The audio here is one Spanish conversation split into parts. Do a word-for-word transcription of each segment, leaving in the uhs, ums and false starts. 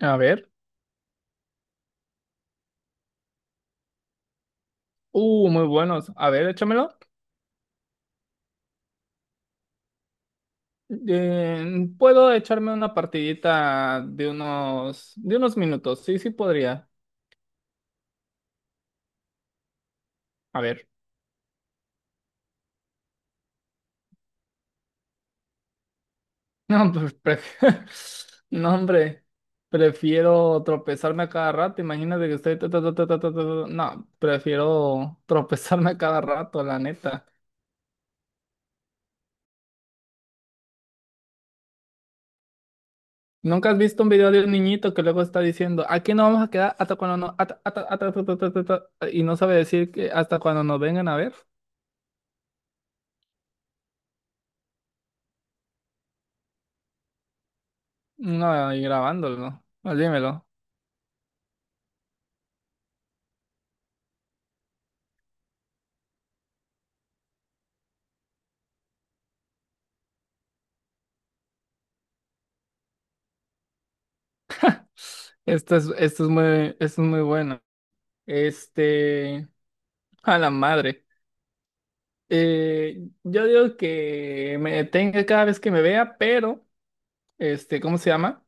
A ver. Uh, muy buenos. A ver, échamelo. Eh, puedo echarme una partidita de unos, de unos minutos. Sí, sí podría. A ver. No, pues, pref- no, hombre. Prefiero tropezarme a cada rato. Imagínate que estoy. Ta, ta, ta, ta, ta, ta, ta, ta. No, prefiero tropezarme a cada rato, la neta. ¿Nunca has visto un video de un niñito que luego está diciendo, aquí no vamos a quedar hasta cuando no, hasta- hasta- hasta- hasta- hasta- hasta- hasta", y no sabe decir que hasta cuando nos vengan a ver? No, y grabándolo. Pues dímelo. Esto es, esto es muy, Esto es muy bueno. Este, a la madre. Eh, yo digo que me detenga cada vez que me vea, pero, este, ¿cómo se llama?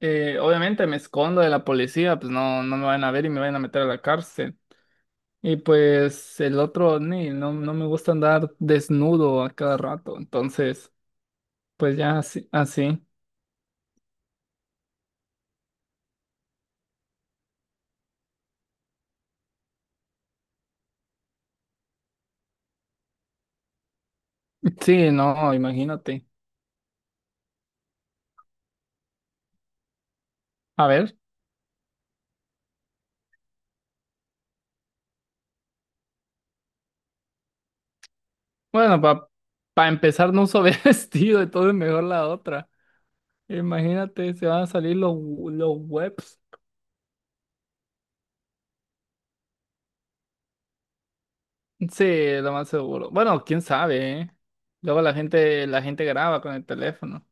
Eh, obviamente me escondo de la policía, pues no, no me van a ver y me van a meter a la cárcel. Y pues el otro, ni, no, no me gusta andar desnudo a cada rato. Entonces, pues ya así, así. Sí, no, imagínate. A ver. Bueno, para empezar no uso vestido, entonces mejor la otra. Imagínate, se van a salir los, los webs. Sí, lo más seguro. Bueno, quién sabe, ¿eh? Luego la gente, la gente graba con el teléfono.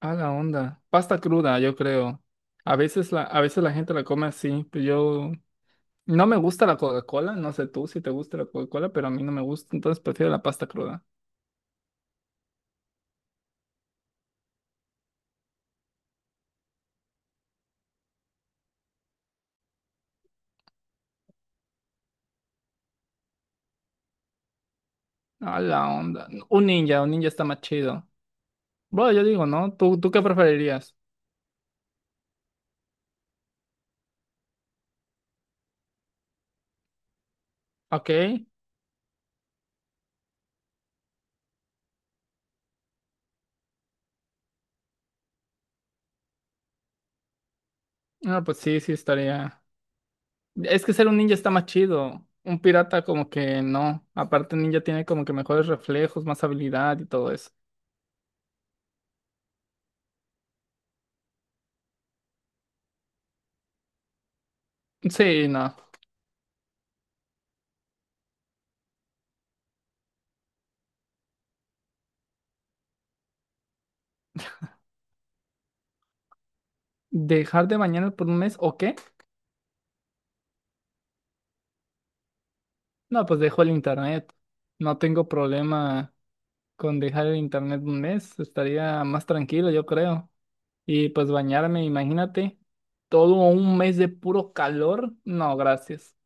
Ah, la onda. Pasta cruda, yo creo. A veces la, a veces la gente la come así, pero yo no me gusta la Coca-Cola, no sé tú si te gusta la Coca-Cola, pero a mí no me gusta, entonces prefiero la pasta cruda. Ah, la onda. Un ninja, un ninja está más chido. Bueno, yo digo, ¿no? ¿Tú, tú qué preferirías? Ok. No, pues sí, sí estaría. Es que ser un ninja está más chido. Un pirata como que no. Aparte, el ninja tiene como que mejores reflejos, más habilidad y todo eso. Sí, no. ¿Dejar de bañarme por un mes o qué? No, pues dejo el internet. No tengo problema con dejar el internet un mes. Estaría más tranquilo, yo creo. Y pues bañarme, imagínate, todo un mes de puro calor. No, gracias.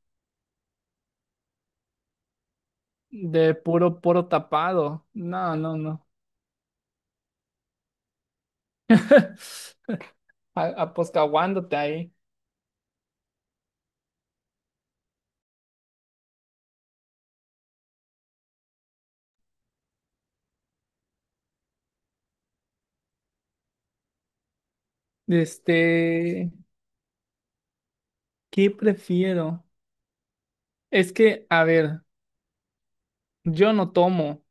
De puro poro tapado. No, no, no. A- aposcaguándote ahí. Este, ¿qué prefiero? Es que, a ver, yo no tomo,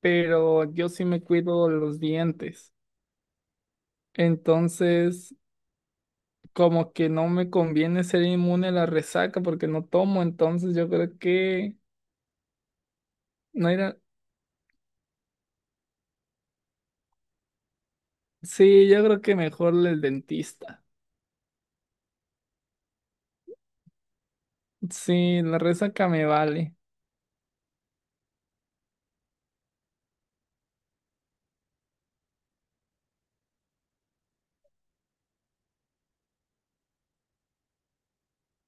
pero yo sí me cuido los dientes. Entonces, como que no me conviene ser inmune a la resaca porque no tomo, entonces yo creo que no era. Sí, yo creo que mejor el dentista. Sí, la resaca me vale.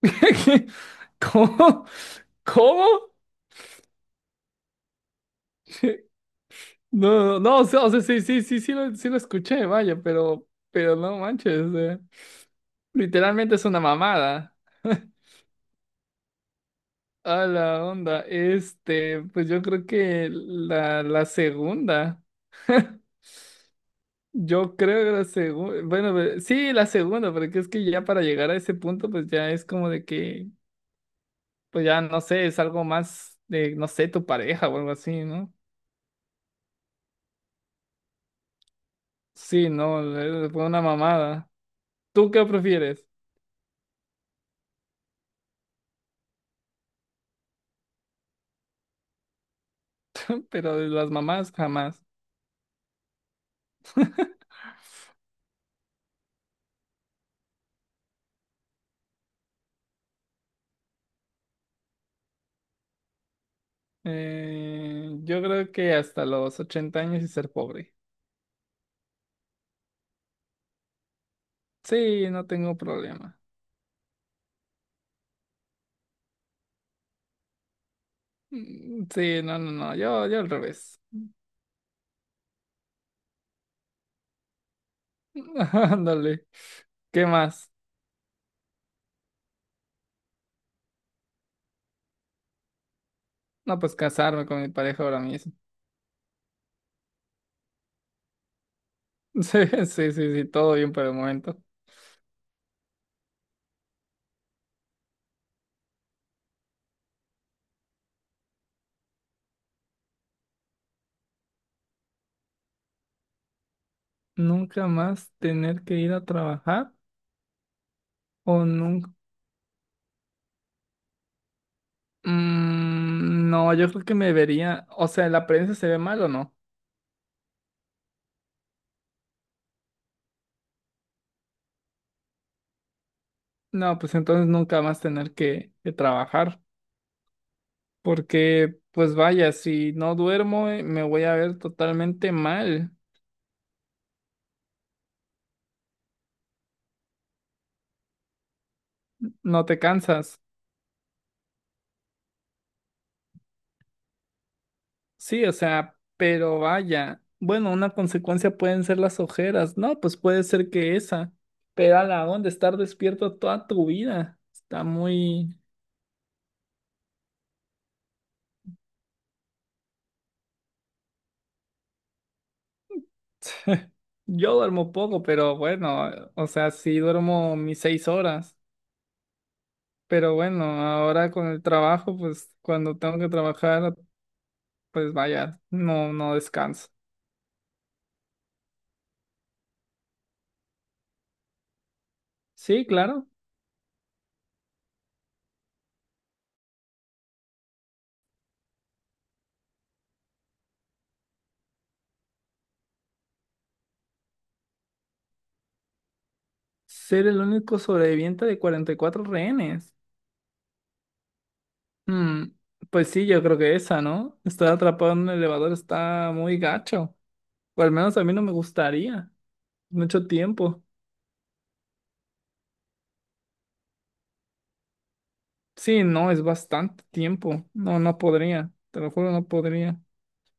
¿Cómo? ¿Cómo? No, no, no, o sea, o sea, sí, sí, sí, sí lo, sí lo escuché, vaya, pero, pero no manches, eh, literalmente es una mamada. A la onda, este, pues yo creo que la, la segunda, yo creo que la segunda, bueno, ve- sí, la segunda, porque es que ya para llegar a ese punto, pues ya es como de que, pues ya no sé, es algo más de, no sé, tu pareja o algo así, ¿no? Sí, no, eh, fue una mamada. ¿Tú qué prefieres? Pero de las mamás jamás. Eh, yo creo que hasta los ochenta años y ser pobre. Sí, no tengo problema. Mm, sí, no, no, no, yo, yo al revés. Ándale. ¿Qué más? No, pues casarme con mi pareja ahora mismo. Sí, sí, sí, sí, todo bien por el momento. ¿Nunca más tener que ir a trabajar? ¿O nunca? Mm, no, yo creo que me vería. O sea, ¿la prensa se ve mal o no? No, pues entonces nunca más tener que, que trabajar. Porque, pues vaya, si no duermo, eh, me voy a ver totalmente mal. No te cansas. Sí, o sea, pero vaya. Bueno, una consecuencia pueden ser las ojeras. No, pues puede ser que esa. Pero a la onda, estar despierto toda tu vida. Está muy... Yo duermo poco, pero bueno, o sea, sí duermo mis seis horas. Pero bueno, ahora con el trabajo, pues cuando tengo que trabajar, pues vaya, no, no descanso. Sí, claro. Ser el único sobreviviente de cuarenta y cuatro rehenes. Hmm, pues sí, yo creo que esa, ¿no? Estar atrapado en un elevador está muy gacho. O al menos a mí no me gustaría. Mucho tiempo. Sí, no, es bastante tiempo. No, no podría. Te lo juro, no podría.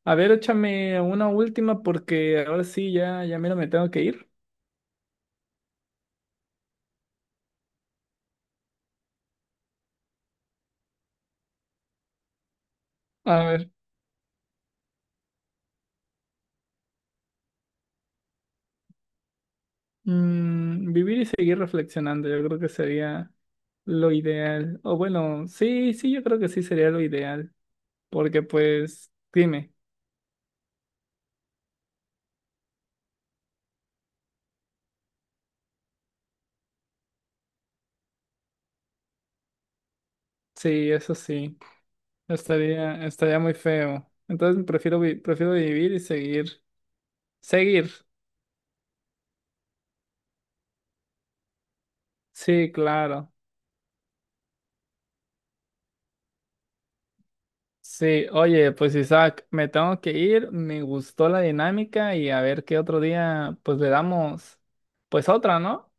A ver, échame una última porque ahora sí, ya, ya mira, me tengo que ir. A ver, mm, vivir y seguir reflexionando, yo creo que sería lo ideal. O bueno, sí, sí, yo creo que sí sería lo ideal. Porque pues, dime, sí, eso sí, estaría, estaría muy feo. Entonces prefiero, vi- prefiero vivir y seguir. Seguir. Sí, claro. Sí, oye, pues Isaac, me tengo que ir, me gustó la dinámica y a ver qué otro día, pues le damos, pues otra, ¿no?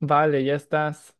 Vale, ya estás.